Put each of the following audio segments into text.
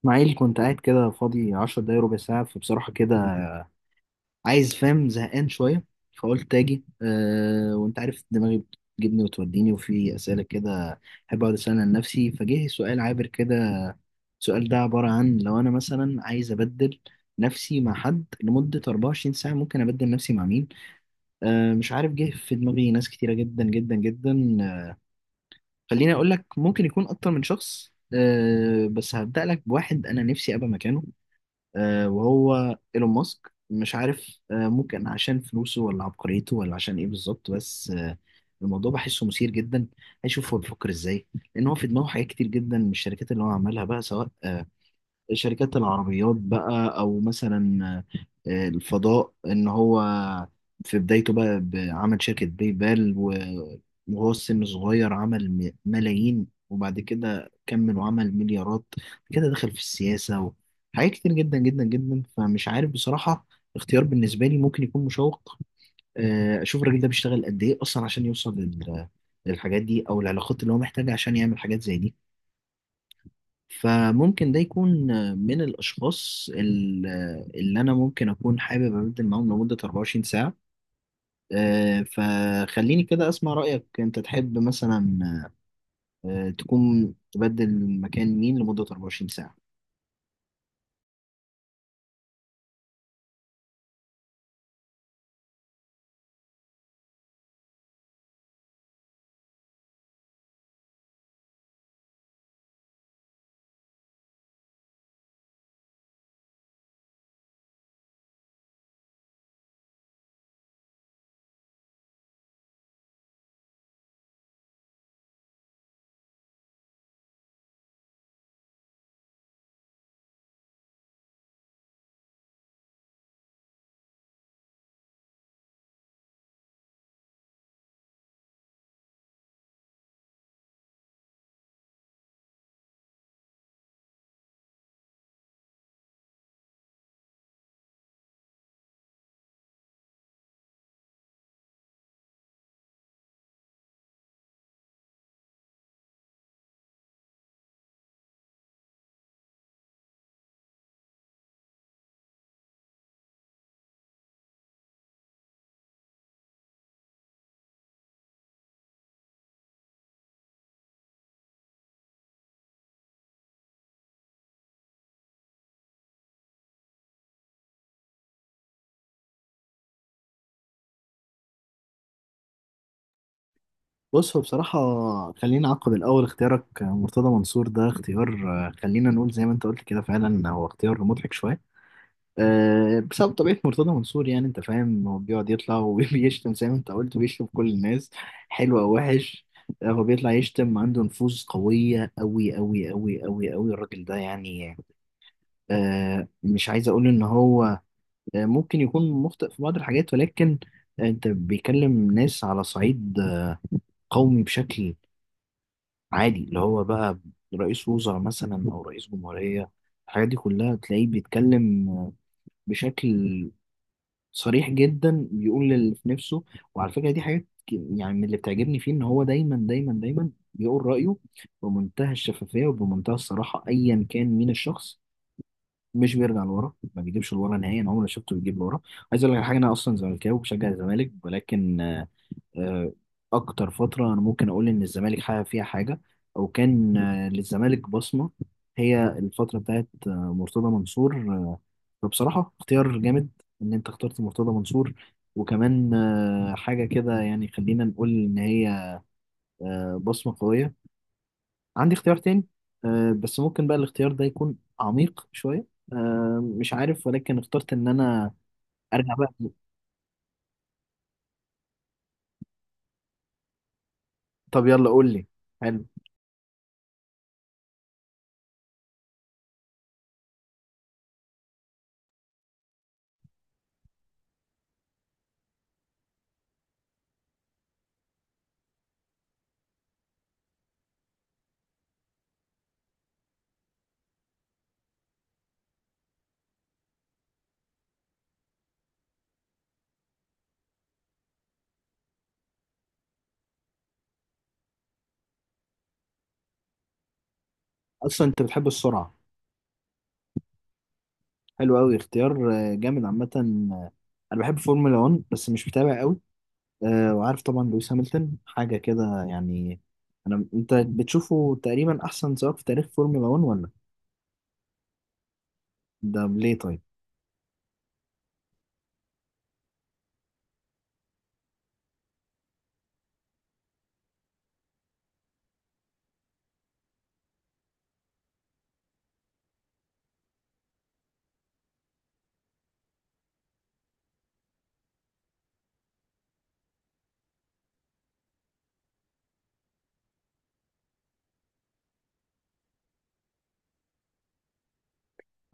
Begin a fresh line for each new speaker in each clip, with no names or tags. اسماعيل، كنت قاعد كده فاضي 10 دقايق ربع ساعة. فبصراحة كده عايز فاهم زهقان شوية، فقلت أجي. وأنت عارف دماغي بتجيبني وتوديني، وفي أسئلة كده أحب أقعد أسألها لنفسي. فجه سؤال عابر كده. السؤال ده عبارة عن: لو أنا مثلا عايز أبدل نفسي مع حد لمدة 24 ساعة، ممكن أبدل نفسي مع مين؟ مش عارف، جه في دماغي ناس كتيرة جدا جدا جدا. خليني أقول لك، ممكن يكون أكتر من شخص. بس هبدأ لك بواحد أنا نفسي أبقى مكانه. وهو ايلون ماسك. مش عارف، ممكن عشان فلوسه، ولا عبقريته، ولا عشان ايه بالظبط، بس الموضوع بحسه مثير جدا. هشوف هو بيفكر ازاي، لان هو في دماغه حاجات كتير جدا من الشركات اللي هو عملها بقى، سواء شركات العربيات بقى، او مثلا الفضاء. ان هو في بدايته بقى عمل شركة بيبال، وهو السن صغير عمل ملايين، وبعد كده كمل وعمل مليارات كده. دخل في السياسة وحاجات كتير جدا جدا جدا. فمش عارف بصراحة، اختيار بالنسبة لي ممكن يكون مشوق. اشوف الراجل ده بيشتغل قد ايه اصلا عشان يوصل للحاجات دي، او العلاقات اللي هو محتاجها عشان يعمل حاجات زي دي. فممكن ده يكون من الأشخاص اللي أنا ممكن أكون حابب أبدل معاهم لمدة 24 ساعة. فخليني كده أسمع رأيك، أنت تحب مثلا تكون تبدل مكان مين لمدة 24 ساعة؟ بص، هو بصراحة خلينا أعقب الأول. اختيارك مرتضى منصور ده اختيار، خلينا نقول زي ما أنت قلت كده، فعلا هو اختيار مضحك شوية بسبب طبيعة مرتضى منصور. يعني انت فاهم، هو بيقعد يطلع وبيشتم زي ما انت قلت، وبيشتم كل الناس، حلو او وحش. هو بيطلع يشتم، عنده نفوذ قوية أوي أوي أوي أوي أوي الراجل ده يعني. مش عايز أقول إن هو ممكن يكون مخطئ في بعض الحاجات، ولكن أنت بيكلم ناس على صعيد قومي، بشكل عادي، اللي هو بقى رئيس وزراء مثلا أو رئيس جمهورية. الحاجات دي كلها تلاقيه بيتكلم بشكل صريح جدا، بيقول اللي في نفسه. وعلى فكره دي حاجات يعني من اللي بتعجبني فيه، ان هو دايما دايما دايما بيقول رايه بمنتهى الشفافيه وبمنتهى الصراحه، ايا كان مين الشخص. مش بيرجع لورا، ما بيجيبش لورا نهائيا، عمري ما شفته بيجيب لورا. عايز اقول لك على حاجه، انا اصلا زملكاوي وبشجع الزمالك، ولكن آه، اكتر فتره انا ممكن اقول ان الزمالك حقق فيها حاجه، او كان للزمالك بصمه، هي الفتره بتاعت مرتضى منصور. فبصراحه اختيار جامد ان انت اخترت مرتضى منصور، وكمان حاجه كده يعني. خلينا نقول ان هي بصمه قويه. عندي اختيار تاني، بس ممكن بقى الاختيار ده يكون عميق شويه. مش عارف، ولكن اخترت ان انا ارجع بقى. طب يلا قول لي. حلو. اصلا انت بتحب السرعه؟ حلو قوي اختيار جامد عامة. أنا بحب فورمولا 1 بس مش متابع قوي. وعارف طبعا لويس هامilton، حاجة كده يعني. أنا، أنت بتشوفه تقريبا أحسن سواق في تاريخ فورمولا 1 ولا؟ ده ليه طيب؟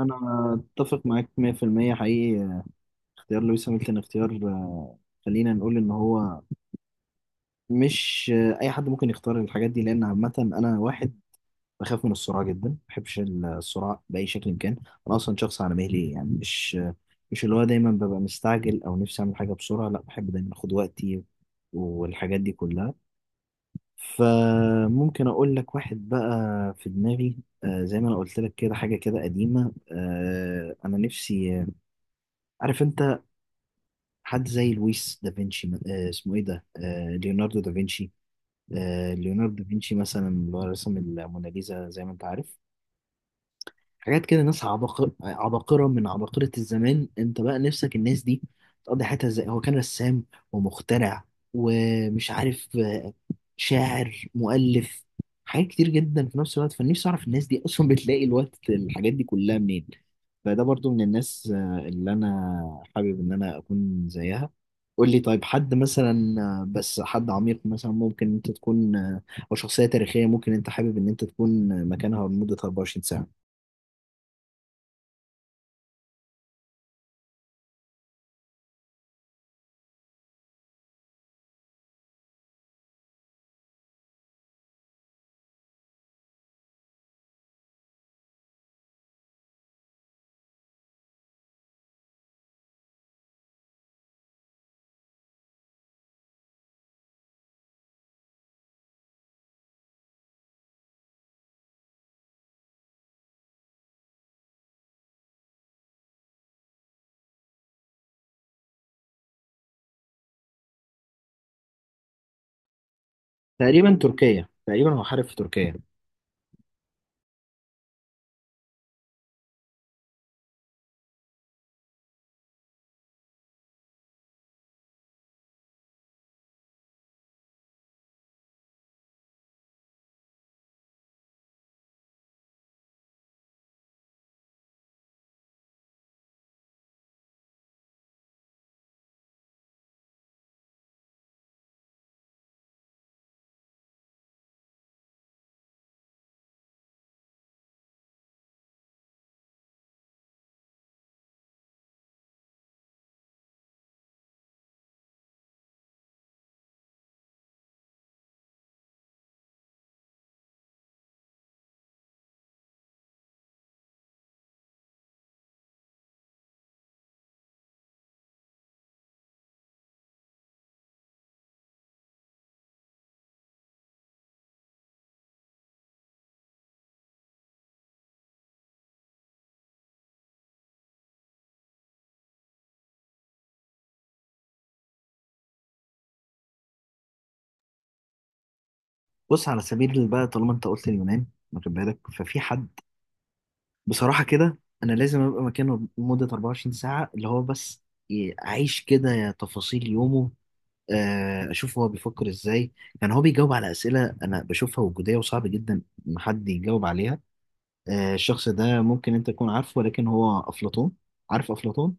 أنا أتفق معاك 100% حقيقي. اختيار لويس هامilton اختيار خلينا نقول إن هو مش أي حد ممكن يختار الحاجات دي. لأن عامة أنا واحد بخاف من الصراع جدا، ما بحبش الصراع بأي شكل كان. أنا أصلا شخص على مهلي، يعني مش اللي هو دايما ببقى مستعجل أو نفسي أعمل حاجة بسرعة. لا، بحب دايما أخد وقتي والحاجات دي كلها. فممكن أقول لك واحد بقى في دماغي. زي ما أنا قلت لك كده، حاجة كده قديمة. أنا نفسي عارف أنت، حد زي لويس دافنشي، اسمه إيه ده، ليوناردو دافنشي. ليوناردو دافنشي مثلا، اللي هو رسم الموناليزا زي ما أنت عارف، حاجات كده. ناس عباقرة عباقرة من عباقرة الزمان، انت بقى نفسك الناس دي تقضي حياتها ازاي. هو كان رسام ومخترع ومش عارف، شاعر، مؤلف، حاجات كتير جدا في نفس الوقت. فنفسي اعرف الناس دي اصلا بتلاقي الوقت الحاجات دي كلها منين. فده برضو من الناس اللي انا حابب ان انا اكون زيها. قول لي طيب، حد مثلا بس حد عميق مثلا ممكن انت تكون، او شخصية تاريخية، ممكن انت حابب ان انت تكون مكانها لمدة 24 ساعة؟ تقريبا تركيا، تقريبا هو حارب في تركيا. بص، على سبيل بقى، طالما انت قلت اليونان، واخد بالك؟ ففي حد بصراحة كده انا لازم ابقى مكانه لمدة 24 ساعة، اللي هو بس اعيش كده تفاصيل يومه. اشوف هو بيفكر ازاي. كان هو بيجاوب على اسئلة انا بشوفها وجودية، وصعب جدا ان حد يجاوب عليها. الشخص ده ممكن انت تكون عارفه، ولكن هو افلاطون. عارف افلاطون؟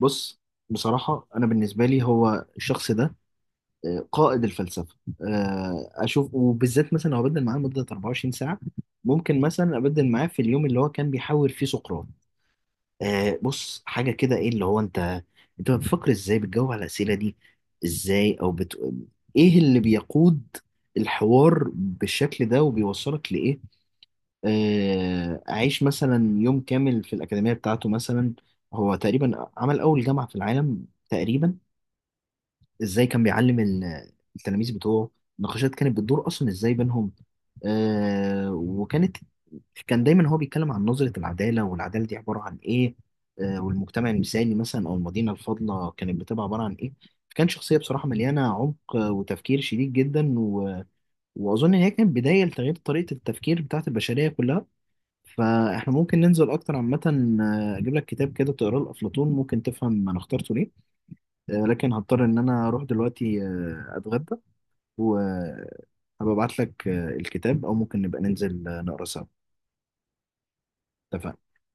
بص، بصراحة انا بالنسبة لي هو الشخص ده قائد الفلسفه. اشوف، وبالذات مثلا لو ابدل معاه لمده 24 ساعه، ممكن مثلا ابدل معاه في اليوم اللي هو كان بيحاور فيه سقراط. بص، حاجه كده: ايه اللي هو انت، انت بتفكر ازاي، بتجاوب على الاسئله دي ازاي، ايه اللي بيقود الحوار بالشكل ده، وبيوصلك لايه؟ اعيش مثلا يوم كامل في الاكاديميه بتاعته مثلا. هو تقريبا عمل اول جامعه في العالم تقريبا. ازاي كان بيعلم التلاميذ بتوعه؟ نقاشات كانت بتدور اصلا ازاي بينهم؟ آه وكانت كان دايما هو بيتكلم عن نظرة العدالة، والعدالة دي عبارة عن ايه؟ والمجتمع المثالي مثلا، او المدينة الفاضلة كانت بتبقى عبارة عن ايه؟ كان شخصية بصراحة مليانة عمق وتفكير شديد جدا، وأظن إن هي كانت بداية لتغيير طريقة التفكير بتاعت البشرية كلها. فإحنا ممكن ننزل أكتر عامة. أجيب لك كتاب كده تقراه لأفلاطون، ممكن تفهم أنا اخترته ليه. لكن هضطر ان انا اروح دلوقتي اتغدى، وهبقى ابعت لك الكتاب، او ممكن نبقى ننزل نقرا سوا. اتفقنا.